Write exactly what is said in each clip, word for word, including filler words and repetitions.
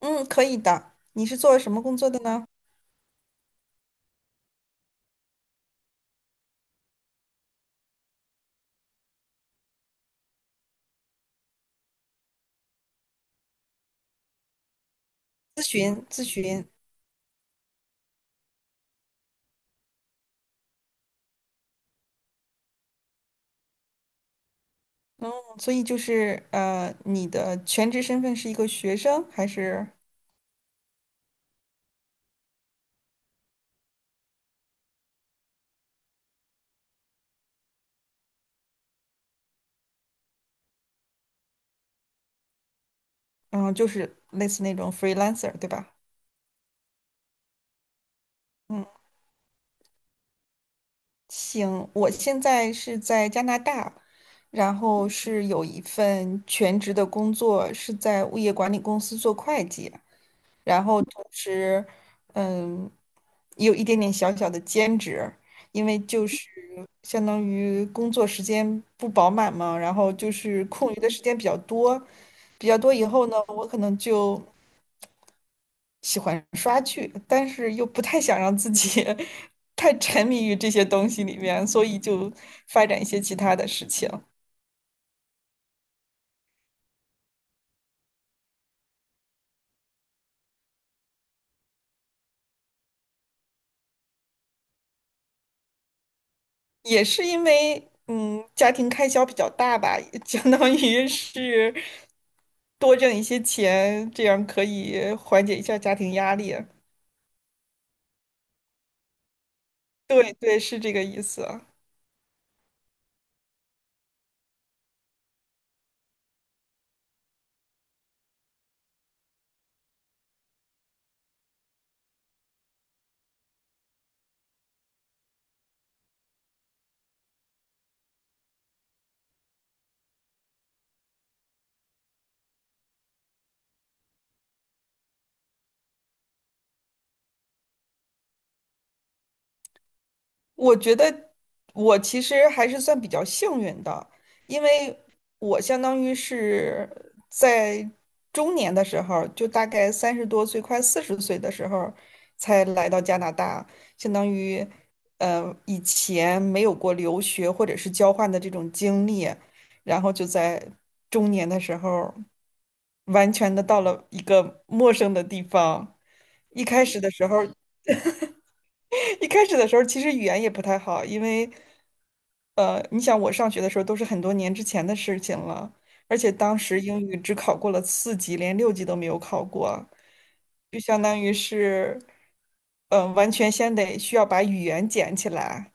嗯，可以的。你是做什么工作的呢？咨询，咨询。嗯，所以就是呃，你的全职身份是一个学生，还是嗯，就是类似那种 freelancer，对吧？嗯，行，我现在是在加拿大，然后是有一份全职的工作，是在物业管理公司做会计。然后同时，嗯，也有一点点小小的兼职，因为就是相当于工作时间不饱满嘛，然后就是空余的时间比较多，比较多以后呢，我可能就喜欢刷剧，但是又不太想让自己 太沉迷于这些东西里面，所以就发展一些其他的事情。也是因为嗯家庭开销比较大吧，相当于是多挣一些钱，这样可以缓解一下家庭压力。对对，是这个意思。我觉得我其实还是算比较幸运的，因为我相当于是在中年的时候，就大概三十多岁，快四十岁的时候才来到加拿大，相当于呃以前没有过留学或者是交换的这种经历，然后就在中年的时候完全的到了一个陌生的地方。一开始的时候 一开始的时候其实语言也不太好，因为呃，你想我上学的时候都是很多年之前的事情了，而且当时英语只考过了四级，连六级都没有考过，就相当于是，嗯、呃完全先得需要把语言捡起来，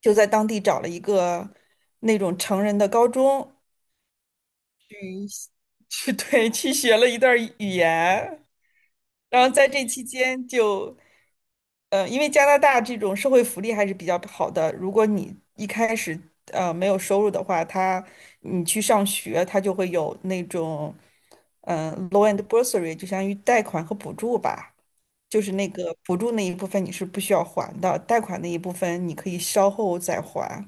就在当地找了一个那种成人的高中，去 对去学了一段儿语言，然后在这期间就，呃，因为加拿大这种社会福利还是比较好的，如果你一开始呃没有收入的话，他你去上学，他就会有那种嗯、呃 loan and bursary，就相当于贷款和补助吧，就是那个补助那一部分你是不需要还的，贷款那一部分你可以稍后再还。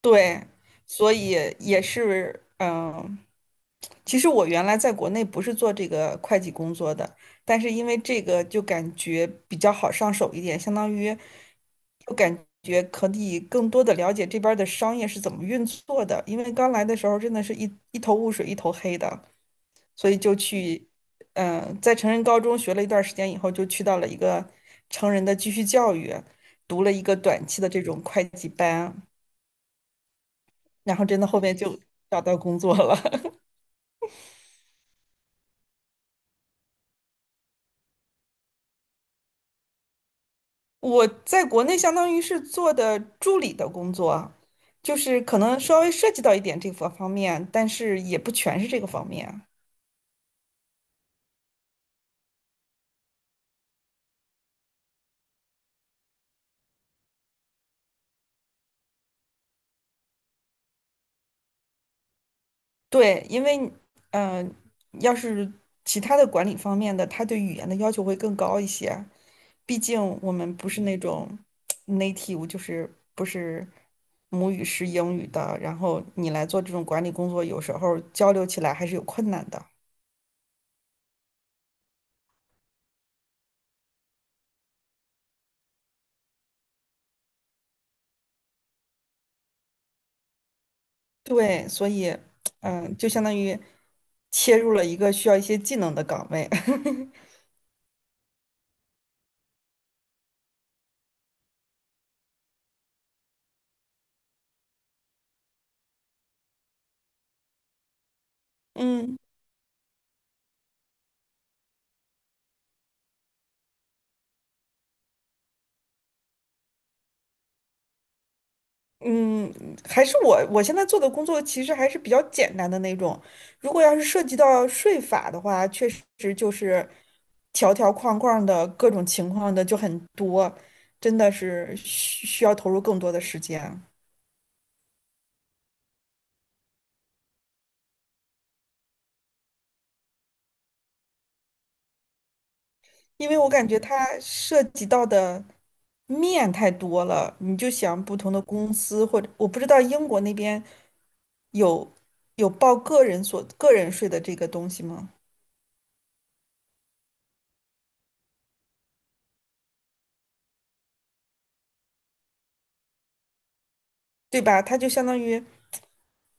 对，所以也是嗯。其实我原来在国内不是做这个会计工作的，但是因为这个就感觉比较好上手一点，相当于就感觉可以更多的了解这边儿的商业是怎么运作的。因为刚来的时候真的是一一头雾水，一头黑的，所以就去，嗯、在成人高中学了一段时间以后，就去到了一个成人的继续教育，读了一个短期的这种会计班，然后真的后面就找到工作了。我在国内相当于是做的助理的工作，就是可能稍微涉及到一点这个方面，但是也不全是这个方面。对，因为嗯，要是其他的管理方面的，他对语言的要求会更高一些。毕竟我们不是那种 native，就是不是母语是英语的，然后你来做这种管理工作，有时候交流起来还是有困难的。对，所以，嗯，就相当于切入了一个需要一些技能的岗位。嗯嗯，还是我我现在做的工作其实还是比较简单的那种。如果要是涉及到税法的话，确实就是条条框框的各种情况的就很多，真的是需需要投入更多的时间，因为我感觉它涉及到的面太多了。你就想不同的公司，或者我不知道英国那边有有报个人所个人税的这个东西吗？对吧？它就相当于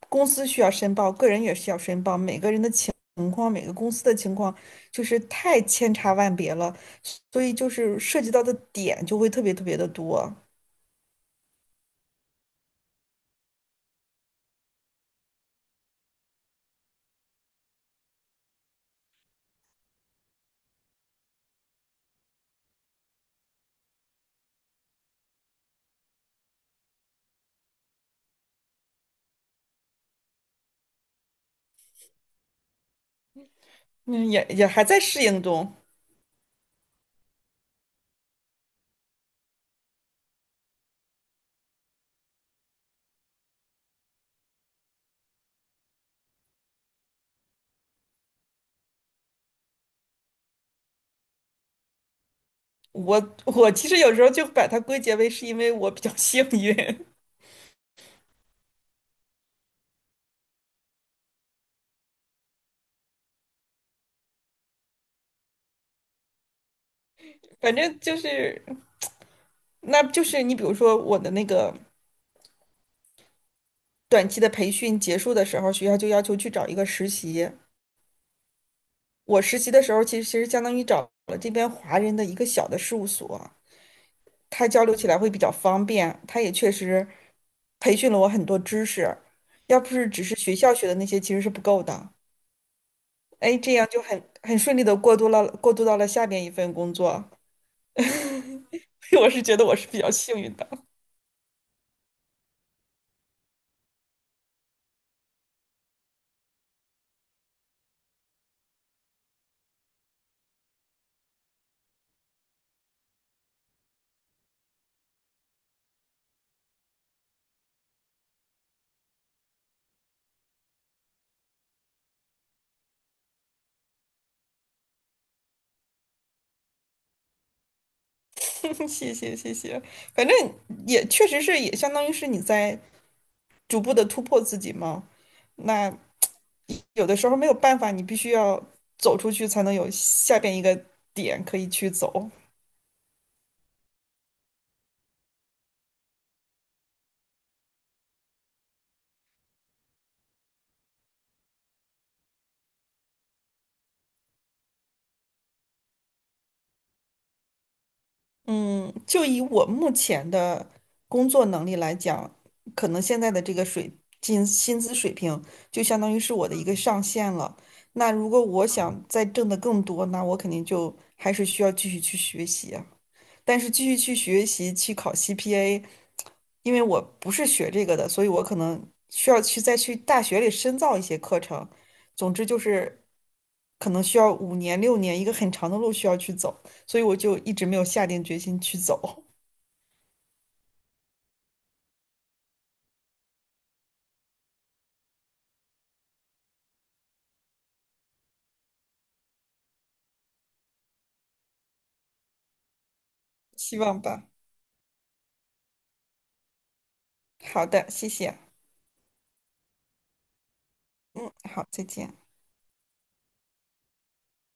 公司需要申报，个人也需要申报，每个人的情况，每个公司的情况就是太千差万别了，所以就是涉及到的点就会特别特别的多。嗯，也也还在适应中。我我其实有时候就把它归结为是因为我比较幸运，反正就是，那就是你比如说我的那个短期的培训结束的时候，学校就要求去找一个实习。我实习的时候，其实其实相当于找了这边华人的一个小的事务所，他交流起来会比较方便。他也确实培训了我很多知识，要不是只是学校学的那些，其实是不够的。哎，这样就很很顺利的过渡了，过渡到了下边一份工作。我是觉得我是比较幸运的，谢谢谢谢。反正也确实是也相当于是你在逐步的突破自己嘛。那有的时候没有办法，你必须要走出去才能有下边一个点可以去走。就以我目前的工作能力来讲，可能现在的这个水薪薪资水平就相当于是我的一个上限了。那如果我想再挣得更多，那我肯定就还是需要继续去学习啊。但是继续去学习去考 C P A，因为我不是学这个的，所以我可能需要去再去大学里深造一些课程。总之就是可能需要五年六年，一个很长的路需要去走，所以我就一直没有下定决心去走，希望吧。好的，谢谢。嗯，好，再见。